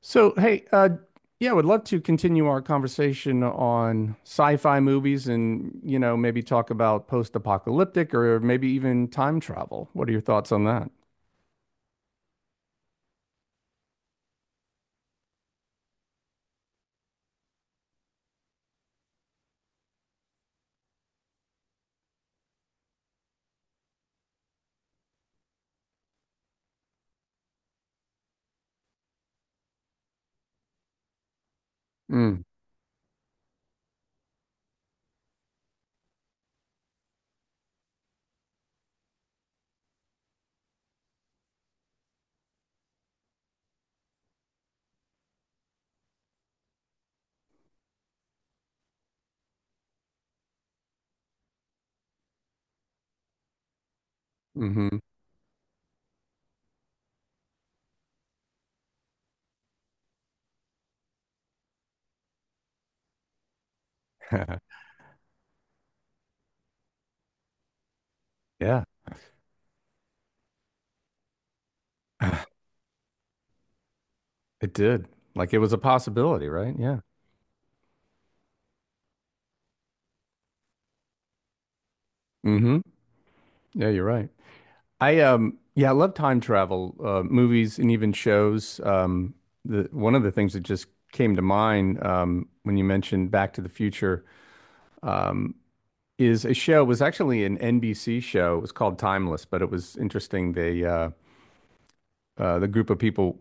So, hey, uh, yeah, I would love to continue our conversation on sci-fi movies and, you know, maybe talk about post-apocalyptic or maybe even time travel. What are your thoughts on that? Mm, mm-hmm. Yeah, it did. Like it was a possibility, right? Yeah. Mm-hmm. Yeah, you're right. I love time travel movies and even shows. The one of the things that just came to mind when you mentioned Back to the Future. Um, is a show was actually an NBC show. It was called Timeless, but it was interesting. They the group of people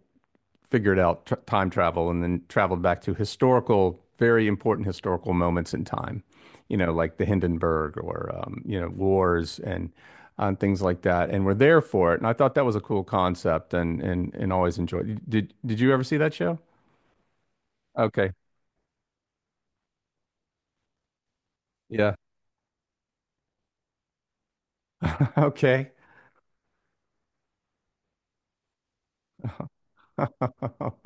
figured out tr time travel and then traveled back to historical, very important historical moments in time. You know, like the Hindenburg or you know, wars and things like that, and were there for it. And I thought that was a cool concept, and always enjoyed. Did you ever see that show? Okay, yeah, okay.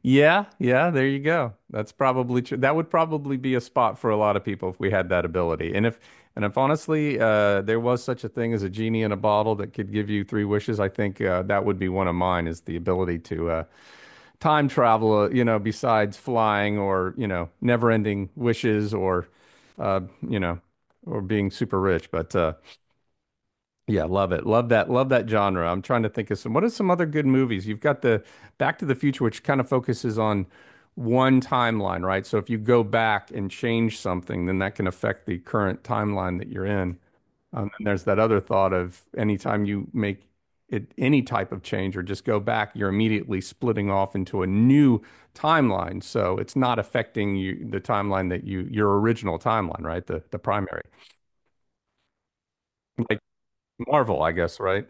Yeah, yeah, there you go. That's probably true. That would probably be a spot for a lot of people if we had that ability. And if honestly, there was such a thing as a genie in a bottle that could give you three wishes, I think that would be one of mine is the ability to time travel, you know, besides flying or, you know, never-ending wishes or uh, you know, or being super rich. But yeah, love it. Love that. Love that genre. I'm trying to think of some. What are some other good movies? You've got the Back to the Future, which kind of focuses on one timeline, right? So if you go back and change something, then that can affect the current timeline that you're in. And there's that other thought of anytime you make it any type of change or just go back, you're immediately splitting off into a new timeline. So it's not affecting you the timeline that you your original timeline, right? The primary. Like Marvel, I guess, right?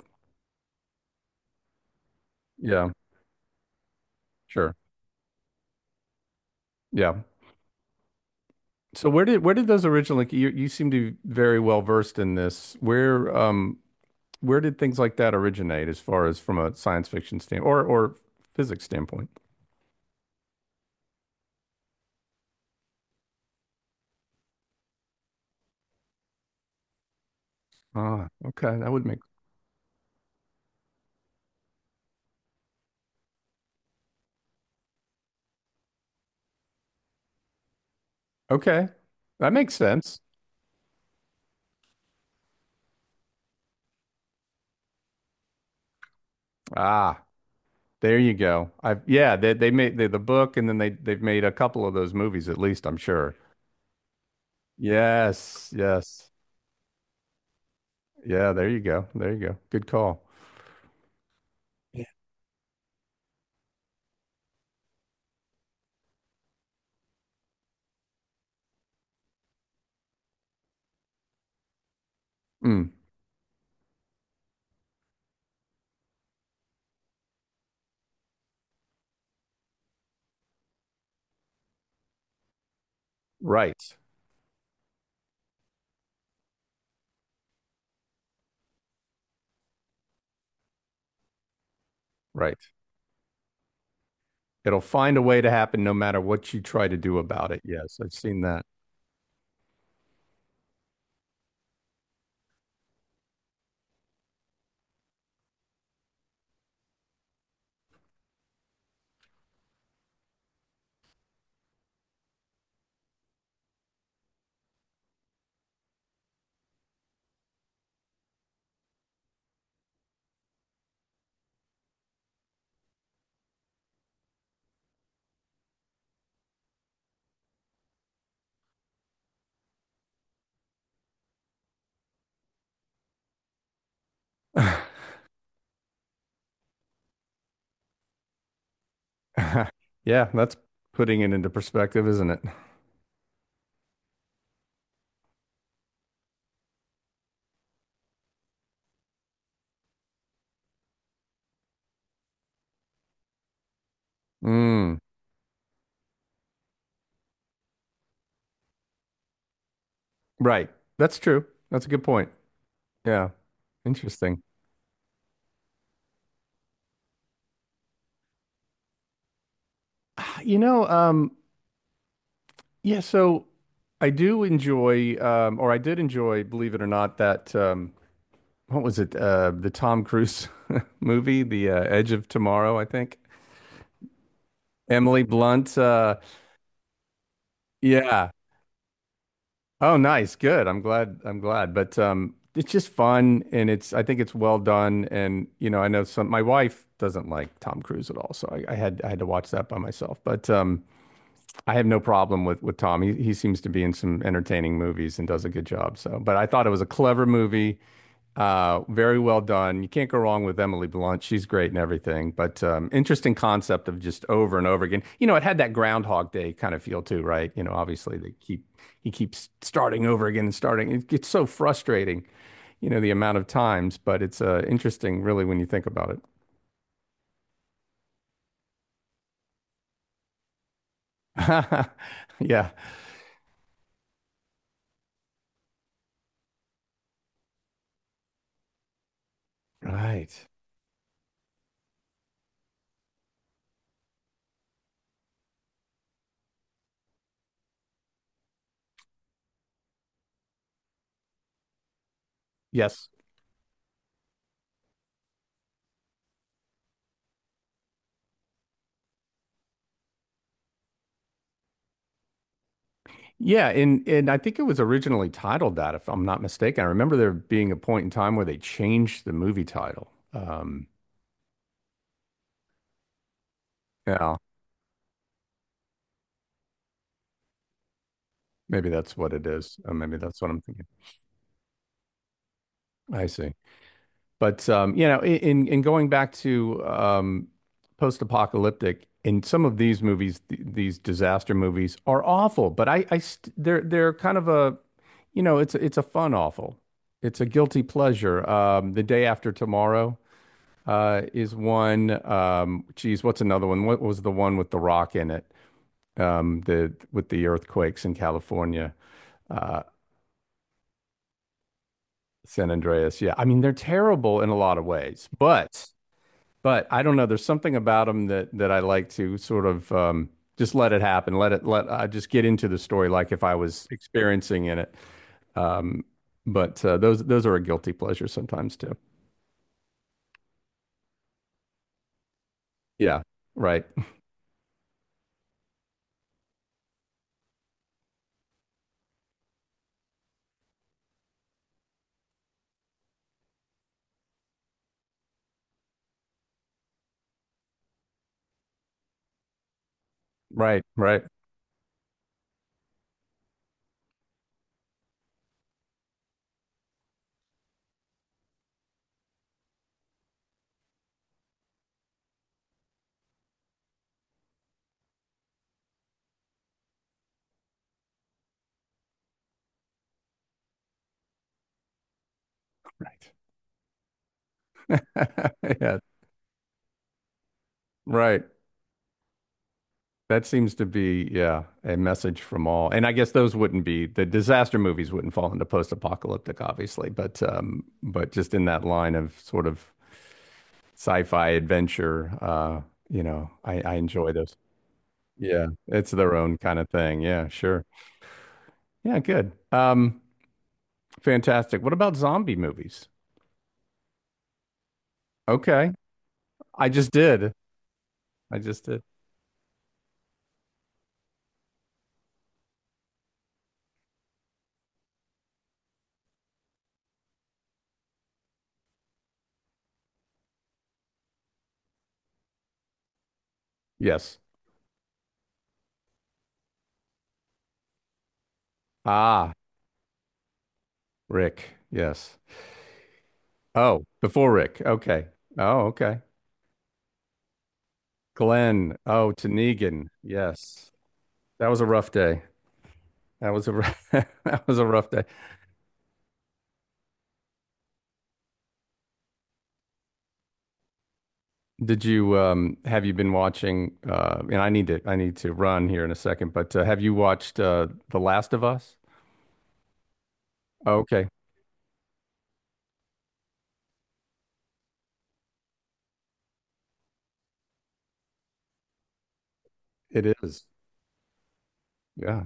Yeah, sure. Yeah. So where did those originally you you seem to be very well versed in this. Where did things like that originate as far as from a science fiction standpoint or physics standpoint? Ah, okay. That would make okay. That makes sense. Ah, there you go. I've yeah, they made the book and then they they've made a couple of those movies at least, I'm sure. Yes, yes. Yeah, there you go. There you go. Good call. Yeah. Mm, right, right. It'll find a way to happen no matter what you try to do about it. Yes, I've seen that. Yeah, that's putting it into perspective, isn't it? Mm, right. That's true. That's a good point. Yeah. Interesting. You know, yeah, so I do enjoy, or I did enjoy, believe it or not, that what was it? The Tom Cruise movie, The Edge of Tomorrow, I think. Emily Blunt. Yeah, oh, nice. Good. I'm glad. I'm glad. But it's just fun, and it's. I think it's well done. And you know, I know some. My wife doesn't like Tom Cruise at all, so I had to watch that by myself. But I have no problem with Tom. He seems to be in some entertaining movies and does a good job. So, but I thought it was a clever movie. Very well done. You can't go wrong with Emily Blunt. She's great and everything. But interesting concept of just over and over again. You know, it had that Groundhog Day kind of feel too, right? You know, obviously they keep he keeps starting over again and starting. It gets so frustrating, you know, the amount of times. But it's interesting, really, when you think about it. Yeah. Right. Yes. Yeah, and I think it was originally titled that, if I'm not mistaken. I remember there being a point in time where they changed the movie title. Yeah, maybe that's what it is. Maybe that's what I'm thinking. I see. But you know, in going back to post-apocalyptic, in some of these movies, th these disaster movies are awful. But I st they're kind of a, you know, it's a fun awful. It's a guilty pleasure. The Day After Tomorrow is one. Geez, what's another one? What was the one with The Rock in it? The with the earthquakes in California. Uh, San Andreas. Yeah. I mean, they're terrible in a lot of ways, but I don't know. There's something about them that that I like to sort of just let it happen. Let it let I just get into the story like if I was experiencing in it. Um, but those are a guilty pleasure sometimes too. Yeah. Right. Right. Right. Yeah. Right. That seems to be, yeah, a message from all. And I guess those wouldn't be the disaster movies wouldn't fall into post-apocalyptic, obviously, but but just in that line of sort of sci-fi adventure, you know, I enjoy those. Yeah, it's their own kind of thing. Yeah, sure. Yeah, good. Fantastic. What about zombie movies? Okay, I just did. I just did. Yes. Ah, Rick. Yes. Oh, before Rick. Okay. Oh, okay. Glenn. Oh, to yes. That was a rough day. That was a rough, that was a rough day. Did you have you been watching and I need to run here in a second, but have you watched The Last of Us? Okay. It is. Yeah.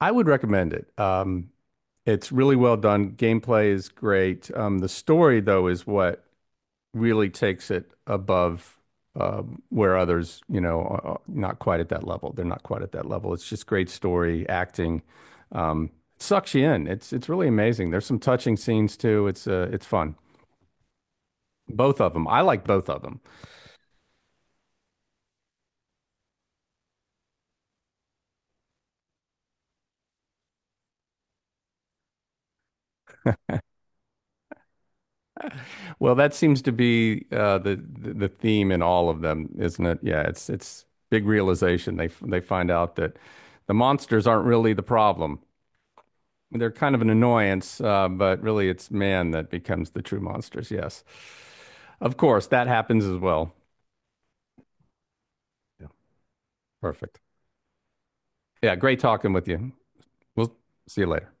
I would recommend it. It's really well done. Gameplay is great. The story though is what really takes it above where others, you know, are not quite at that level. They're not quite at that level. It's just great story, acting. Um, it sucks you in. It's really amazing. There's some touching scenes too. It's fun. Both of them. I like both of them. Well, that seems to be the theme in all of them, isn't it? Yeah, it's big realization. They find out that the monsters aren't really the problem. They're kind of an annoyance, but really it's man that becomes the true monsters. Yes. Of course, that happens as well. Yeah. Perfect. Yeah, great talking with you. We'll see you later.